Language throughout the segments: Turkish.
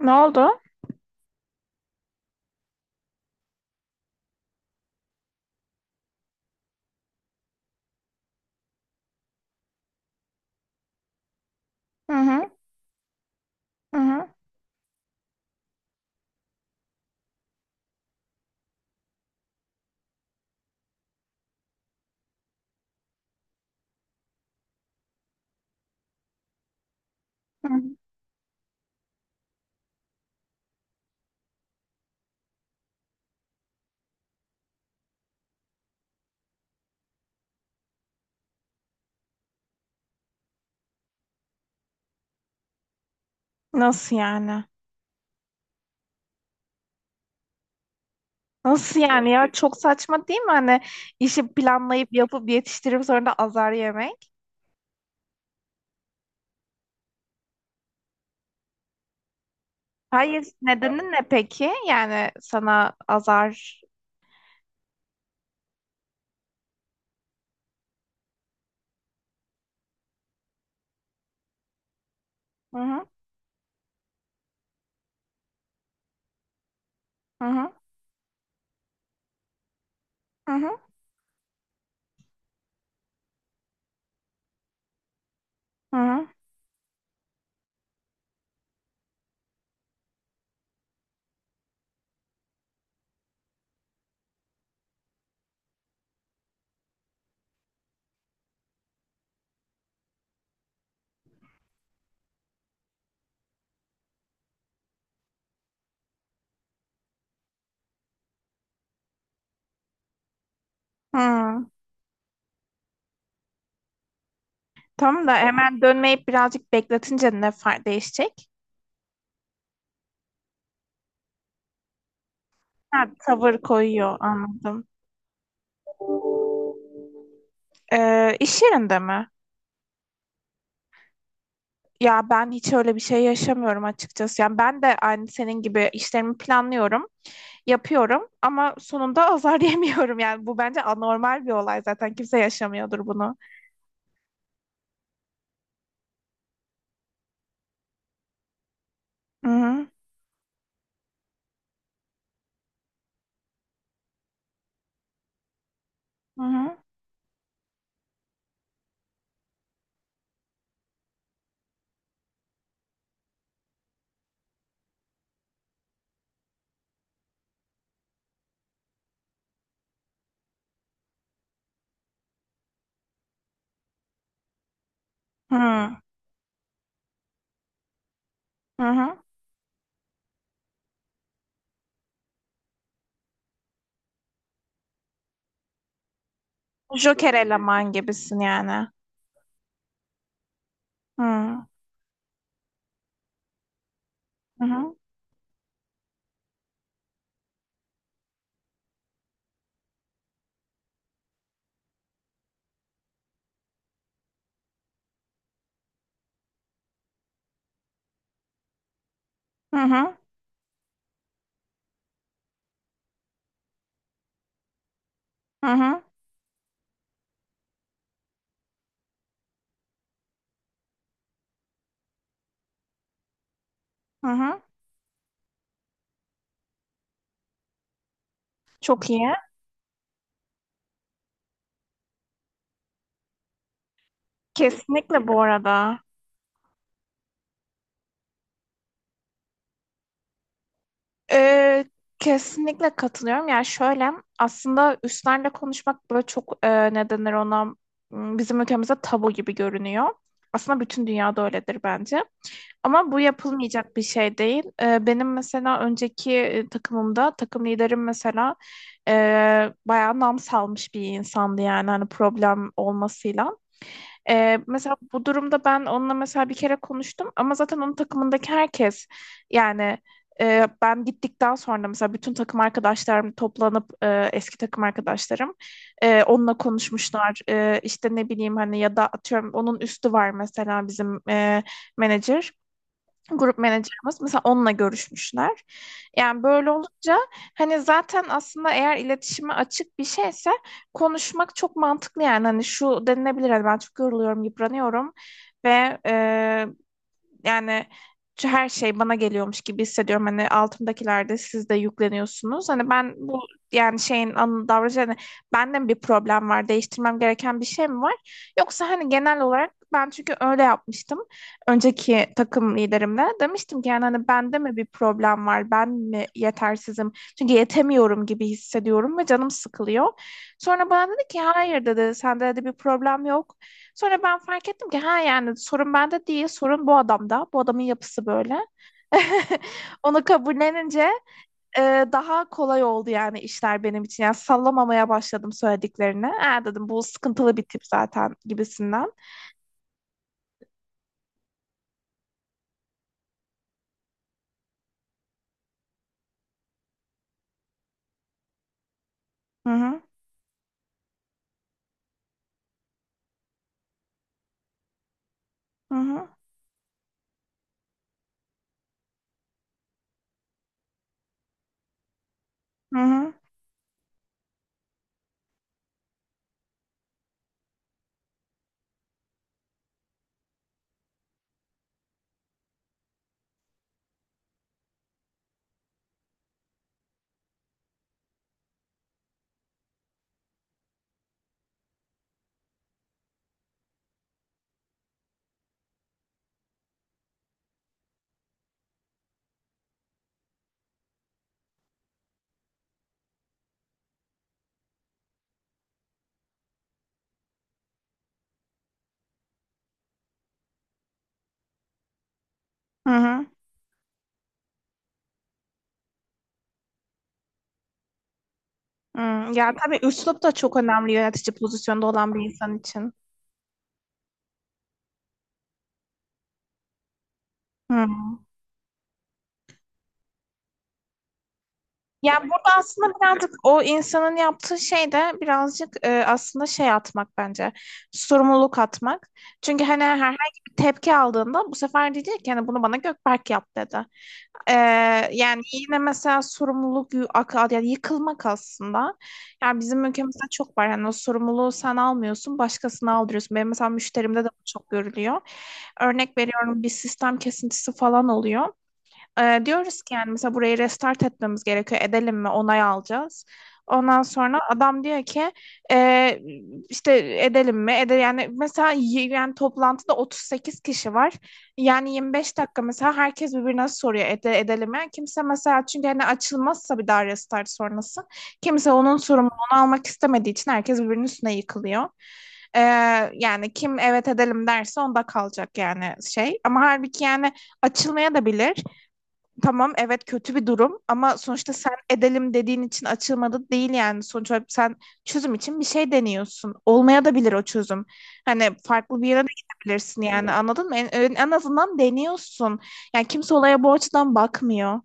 Ne oldu? Hı hı, hı hı, hı hı. Nasıl yani? Nasıl yani ya? Çok saçma değil mi? Hani işi planlayıp yapıp yetiştirip sonra da azar yemek. Hayır, nedeni ne peki? Yani sana azar. Hı hı, hı hı, hı hı, hı hı. Hı. Tamam da hemen dönmeyip birazcık bekletince ne fark değişecek? Ha, tavır koyuyor anladım. İş yerinde mi? Ya ben hiç öyle bir şey yaşamıyorum açıkçası. Yani ben de aynı senin gibi işlerimi planlıyorum. Yapıyorum ama sonunda azar yemiyorum, yani bu bence anormal bir olay, zaten kimse yaşamıyordur bunu. Hı hı hı hı hı hı. Hı. Joker eleman gibisin yani. Hı hı hı hı hı hı. Hı. Hı. Çok iyi. Kesinlikle bu arada. Ee, kesinlikle katılıyorum. Yani şöyle, aslında üstlerle konuşmak böyle çok ne denir ona, bizim ülkemizde tabu gibi görünüyor. Aslında bütün dünyada öyledir bence. Ama bu yapılmayacak bir şey değil. Benim mesela önceki takımımda takım liderim mesela e, bayağı nam salmış bir insandı, yani hani problem olmasıyla. Mesela bu durumda ben onunla mesela bir kere konuştum, ama zaten onun takımındaki herkes, yani ben gittikten sonra mesela bütün takım arkadaşlarım toplanıp, eski takım arkadaşlarım, onunla konuşmuşlar. E, işte ne bileyim, hani ya da atıyorum onun üstü var mesela, bizim menajer, grup menajerimiz mesela onunla görüşmüşler. Yani böyle olunca, hani zaten aslında, eğer iletişime açık bir şeyse konuşmak çok mantıklı. Yani hani şu denilebilir: hani ben çok yoruluyorum, yıpranıyorum ve yani şu her şey bana geliyormuş gibi hissediyorum. Hani altımdakilerde siz de yükleniyorsunuz. Hani ben bu, yani şeyin davranışı, hani bende mi bir problem var? Değiştirmem gereken bir şey mi var? Yoksa hani genel olarak ben, çünkü öyle yapmıştım. Önceki takım liderimle demiştim ki yani hani bende mi bir problem var? Ben mi yetersizim? Çünkü yetemiyorum gibi hissediyorum ve canım sıkılıyor. Sonra bana dedi ki hayır dedi, sende de bir problem yok. Sonra ben fark ettim ki ha, yani sorun bende değil, sorun bu adamda. Bu adamın yapısı böyle. Onu kabullenince e, daha kolay oldu yani işler benim için. Yani sallamamaya başladım söylediklerini. Ha dedim, bu sıkıntılı bir tip zaten gibisinden. Hı hı hı hı hı hı. Hı hı, hı. Yani tabii üslup da çok önemli, yönetici pozisyonda olan bir insan için. Hı. Yani burada aslında birazcık o insanın yaptığı şey de birazcık aslında şey atmak bence. Sorumluluk atmak. Çünkü hani herhangi bir tepki aldığında bu sefer diyecek ki hani bunu bana Gökberk yap dedi. E, yani yine mesela sorumluluk yani yıkılmak aslında. Yani bizim ülkemizde çok var. Yani o sorumluluğu sen almıyorsun, başkasına aldırıyorsun. Benim mesela müşterimde de bu çok görülüyor. Örnek veriyorum, bir sistem kesintisi falan oluyor. Diyoruz ki yani mesela burayı restart etmemiz gerekiyor. Edelim mi? Onay alacağız. Ondan sonra adam diyor ki, "Ee, işte edelim mi? Yani mesela yani toplantıda 38 kişi var. Yani 25 dakika mesela herkes birbirine soruyor, edelim mi?" Yani kimse mesela, çünkü hani açılmazsa bir daha restart sonrası kimse onun sorumluluğunu almak istemediği için herkes birbirinin üstüne yıkılıyor. Ee, yani kim evet edelim derse onda kalacak, yani şey. Ama halbuki yani açılmaya da bilir. Tamam, evet, kötü bir durum, ama sonuçta sen edelim dediğin için açılmadı değil yani. Sonuç olarak sen çözüm için bir şey deniyorsun. Olmaya da bilir o çözüm. Hani farklı bir yere de gidebilirsin yani, anladın mı? En azından deniyorsun. Yani kimse olaya bu açıdan bakmıyor.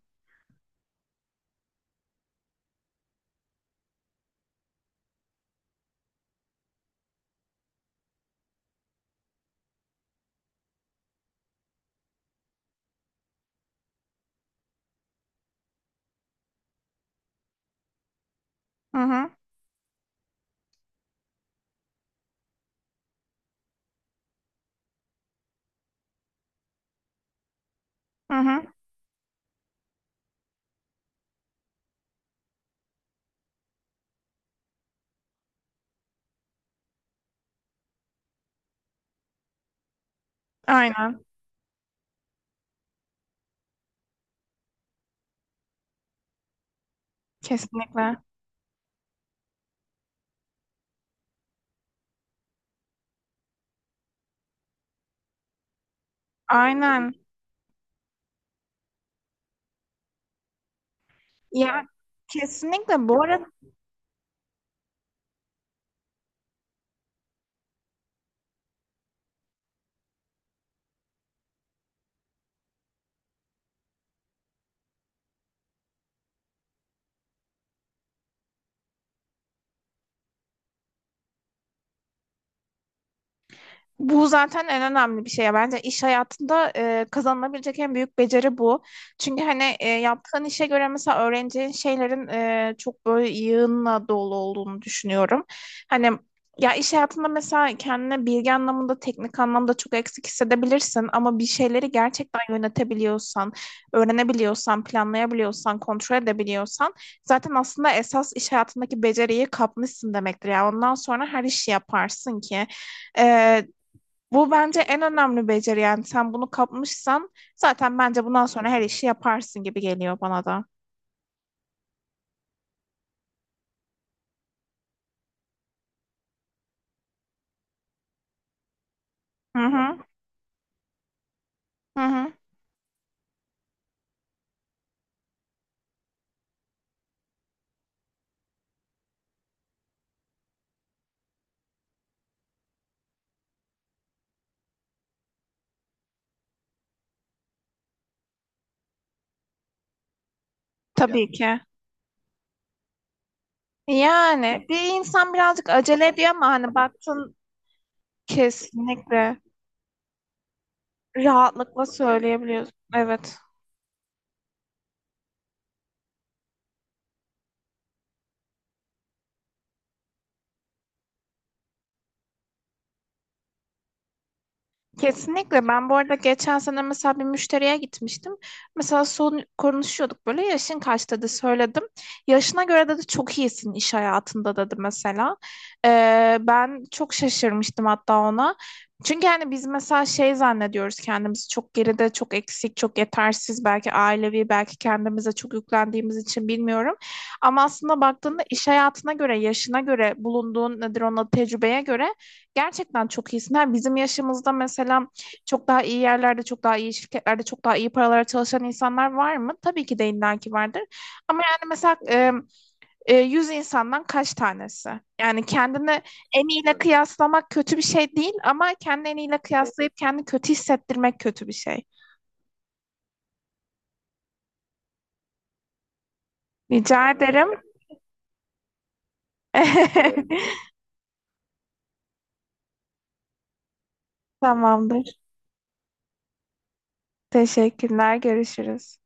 Hı hı, hı hı. Aynen. Kesinlikle. Aynen. Ya kesinlikle bu arada. Bu zaten en önemli bir şey ya. Bence iş hayatında kazanılabilecek en büyük beceri bu. Çünkü hani yaptığın işe göre mesela öğreneceğin şeylerin çok böyle yığınla dolu olduğunu düşünüyorum. Hani ya iş hayatında mesela kendine bilgi anlamında, teknik anlamda çok eksik hissedebilirsin, ama bir şeyleri gerçekten yönetebiliyorsan, öğrenebiliyorsan, planlayabiliyorsan, kontrol edebiliyorsan, zaten aslında esas iş hayatındaki beceriyi kapmışsın demektir. Yani ondan sonra her işi yaparsın ki. Ee, bu bence en önemli beceri yani. Sen bunu kapmışsan zaten, bence bundan sonra her işi yaparsın gibi geliyor bana da. Hı hı, hı hı. Tabii ki. Yani bir insan birazcık acele ediyor, ama hani baktın, kesinlikle rahatlıkla söyleyebiliyorsun. Evet. Kesinlikle. Ben bu arada geçen sene mesela bir müşteriye gitmiştim. Mesela son konuşuyorduk böyle, yaşın kaç dedi, söyledim. Yaşına göre dedi çok iyisin iş hayatında dedi mesela. Ben çok şaşırmıştım hatta ona. Çünkü hani biz mesela şey zannediyoruz kendimizi, çok geride, çok eksik, çok yetersiz, belki ailevi, belki kendimize çok yüklendiğimiz için, bilmiyorum. Ama aslında baktığında iş hayatına göre, yaşına göre, bulunduğun, nedir ona, tecrübeye göre gerçekten çok iyisin. Ha, bizim yaşımızda mesela çok daha iyi yerlerde, çok daha iyi şirketlerde, çok daha iyi paralara çalışan insanlar var mı? Tabii ki de illaki vardır. Ama yani mesela 100 insandan kaç tanesi? Yani kendini en iyiyle, evet, kıyaslamak kötü bir şey değil, ama kendini en iyiyle kıyaslayıp kendini kötü hissettirmek kötü bir şey. Rica ederim. Evet. Tamamdır. Teşekkürler. Görüşürüz.